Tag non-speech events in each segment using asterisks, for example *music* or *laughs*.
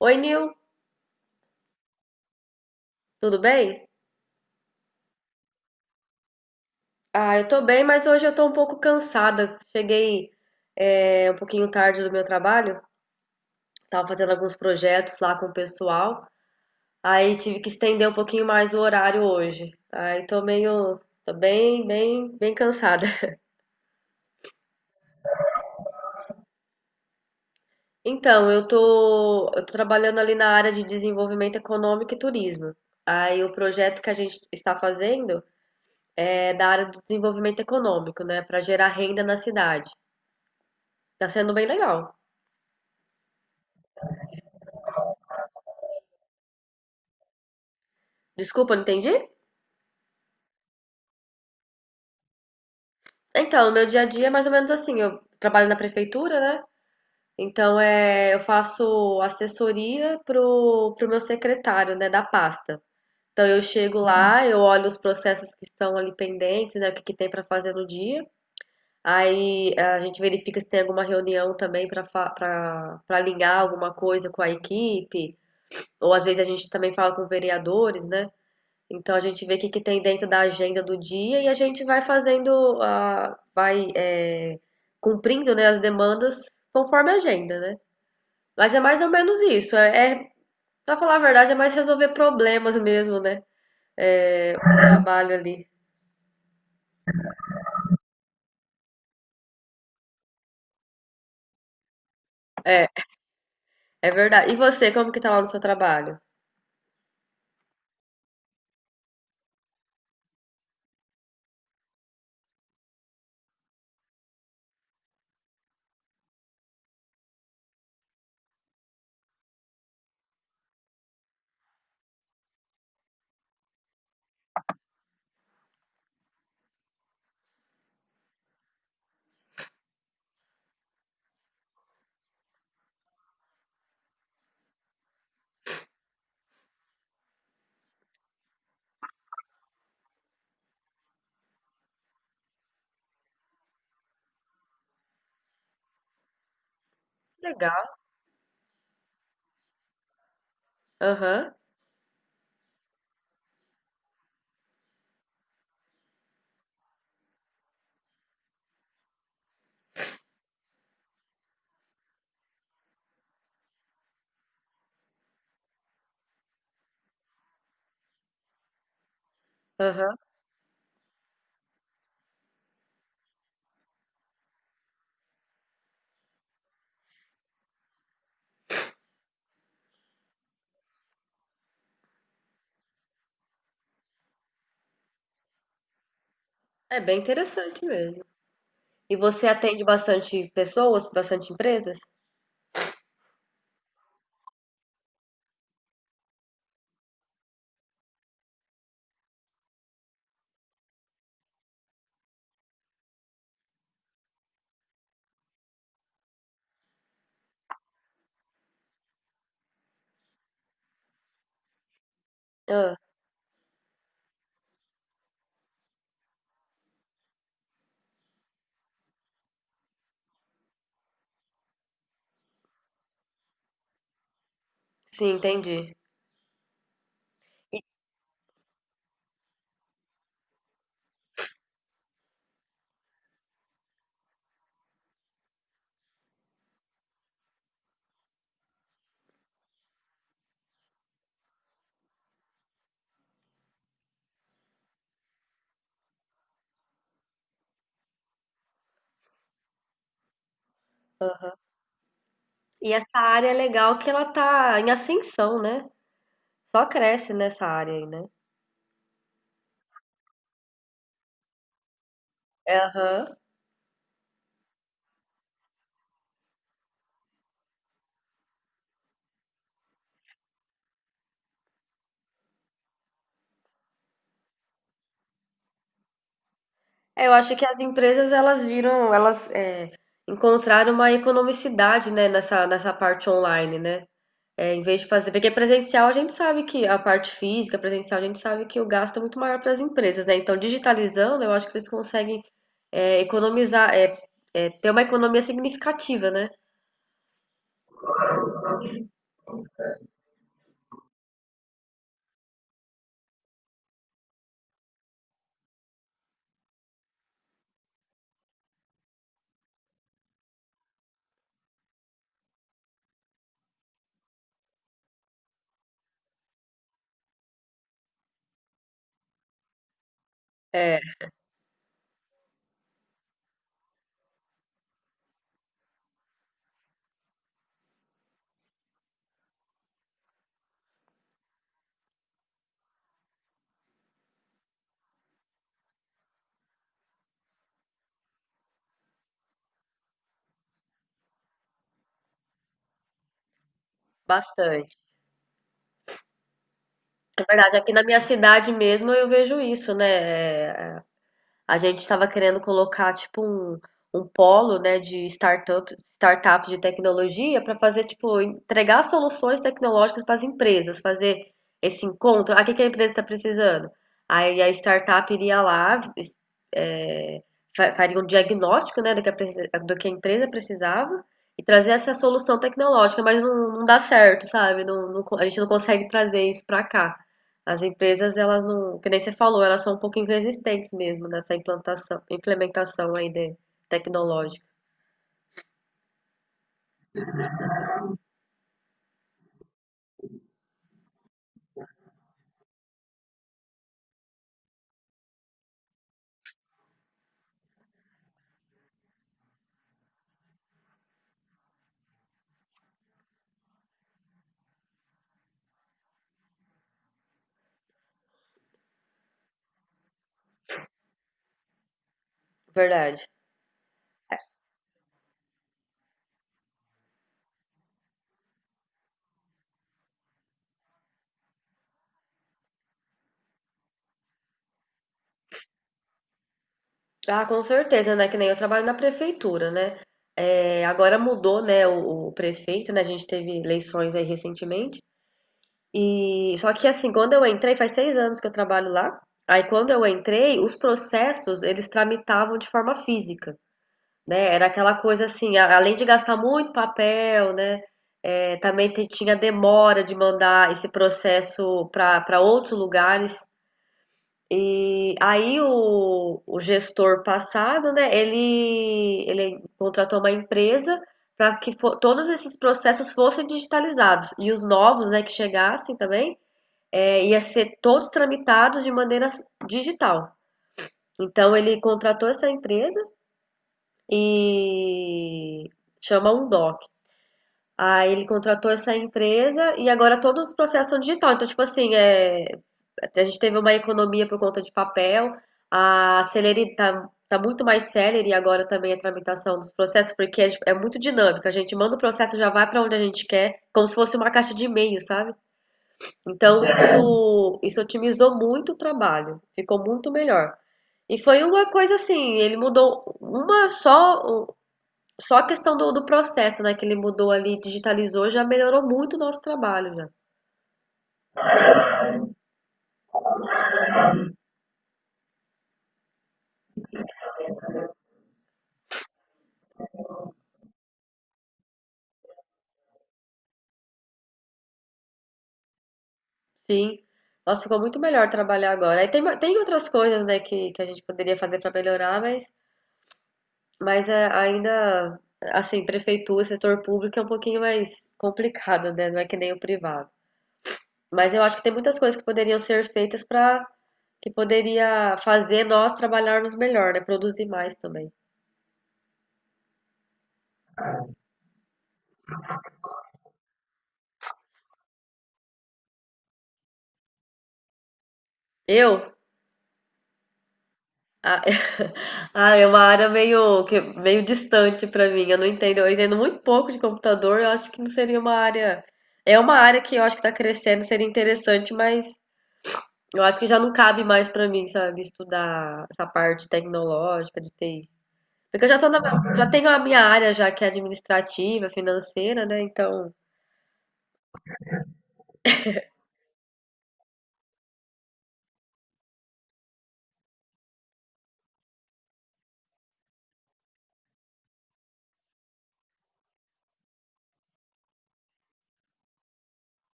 Oi, Nil, tudo bem? Ah, eu tô bem, mas hoje eu tô um pouco cansada. Cheguei, um pouquinho tarde do meu trabalho, tava fazendo alguns projetos lá com o pessoal, aí tive que estender um pouquinho mais o horário hoje. Aí tô meio, tô bem, bem, bem cansada. *laughs* Então, eu tô trabalhando ali na área de desenvolvimento econômico e turismo. Aí o projeto que a gente está fazendo é da área do desenvolvimento econômico, né, para gerar renda na cidade. Tá sendo bem legal. Desculpa, não entendi? Então, o meu dia a dia é mais ou menos assim. Eu trabalho na prefeitura, né? Então, eu faço assessoria pro meu secretário, né, da pasta. Então, eu chego lá, eu olho os processos que estão ali pendentes, né, o que que tem para fazer no dia. Aí a gente verifica se tem alguma reunião também para alinhar alguma coisa com a equipe, ou às vezes a gente também fala com vereadores, né? Então a gente vê o que que tem dentro da agenda do dia e a gente vai fazendo a vai, cumprindo, né, as demandas conforme a agenda, né. Mas é mais ou menos isso, é pra falar a verdade, é mais resolver problemas mesmo, né, o trabalho ali. É, é verdade. E você, como que tá lá no seu trabalho? Legal. Aham, aham. É bem interessante mesmo. E você atende bastante pessoas, bastante empresas? Ah. Sim, entendi. Aham. E essa área é legal que ela tá em ascensão, né? Só cresce nessa área aí, né? Aham. É, eu acho que as empresas elas viram, encontraram uma economicidade, né, nessa, nessa parte online, né? É, em vez de fazer, porque presencial a gente sabe que a parte física, presencial a gente sabe que o gasto é muito maior para as empresas, né? Então, digitalizando, eu acho que eles conseguem economizar, é, é, ter uma economia significativa, né? É, bastante. É verdade, aqui na minha cidade mesmo eu vejo isso, né? A gente estava querendo colocar tipo um, um polo, né, de startup, startup de tecnologia para fazer tipo entregar soluções tecnológicas para as empresas, fazer esse encontro. Ah, o que que a empresa está precisando? Aí a startup iria lá, faria um diagnóstico, né, do que a empresa precisava e trazer essa solução tecnológica, mas não, não dá certo, sabe? Não, a gente não consegue trazer isso para cá. As empresas, elas não, que nem você falou, elas são um pouquinho resistentes mesmo nessa implantação, implementação aí de, tecnológica. Verdade. Ah, com certeza, né? Que nem eu trabalho na prefeitura, né? É, agora mudou, né, o prefeito, né? A gente teve eleições aí recentemente. E só que assim, quando eu entrei, faz 6 anos que eu trabalho lá. Aí quando eu entrei, os processos eles tramitavam de forma física, né? Era aquela coisa assim, além de gastar muito papel, né? É, também tinha demora de mandar esse processo para outros lugares. E aí o gestor passado, né? Ele contratou uma empresa para que todos esses processos fossem digitalizados e os novos, né? Que chegassem também ia ser todos tramitados de maneira digital. Então ele contratou essa empresa e chama um doc. Aí ele contratou essa empresa e agora todos os processos são digital. Então, tipo assim, a gente teve uma economia por conta de papel, a celeridade tá muito mais célere agora também a tramitação dos processos, porque é muito dinâmico. A gente manda o processo, já vai para onde a gente quer, como se fosse uma caixa de e-mail, sabe? Então, isso otimizou muito o trabalho, ficou muito melhor. E foi uma coisa assim, ele mudou uma só, só a questão do processo, né, que ele mudou ali, digitalizou, já melhorou muito o nosso trabalho, já. Sim. Nossa, ficou muito melhor trabalhar agora. Aí tem, tem outras coisas, né, que a gente poderia fazer para melhorar, mas é, ainda, assim, prefeitura, setor público é um pouquinho mais complicado, né? Não é que nem o privado. Mas eu acho que tem muitas coisas que poderiam ser feitas para que poderia fazer nós trabalharmos melhor, né? Produzir mais também. Eu, ah, *laughs* ah, é uma área meio distante para mim. Eu não entendo. Eu entendo muito pouco de computador. Eu acho que não seria uma área. É uma área que eu acho que está crescendo, seria interessante, mas eu acho que já não cabe mais para mim, sabe, estudar essa parte tecnológica de TI. Porque eu já tô na, já tenho a minha área já que é administrativa, financeira, né? Então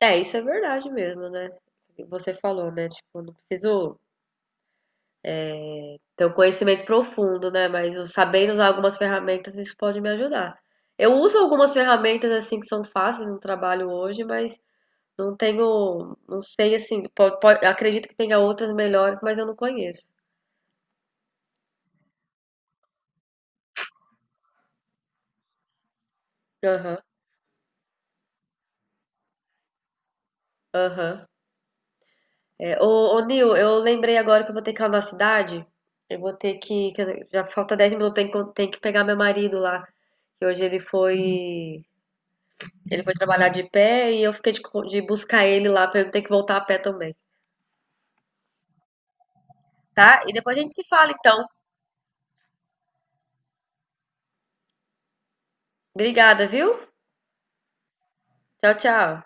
é, isso é verdade mesmo, né? Você falou, né? Tipo, não preciso ter um conhecimento profundo, né? Mas eu sabendo usar algumas ferramentas, isso pode me ajudar. Eu uso algumas ferramentas assim que são fáceis no trabalho hoje, mas não tenho, não sei assim, acredito que tenha outras melhores, mas eu não conheço. Aham, aham. É, Nil, eu lembrei agora que eu vou ter que ir lá na cidade. Eu vou ter que, já falta 10 minutos, tem que pegar meu marido lá. Que hoje ele foi. Ele foi trabalhar de pé e eu fiquei de, de buscar ele lá para eu não ter que voltar a pé também, tá? E depois a gente se fala então. Obrigada, viu? Tchau, tchau.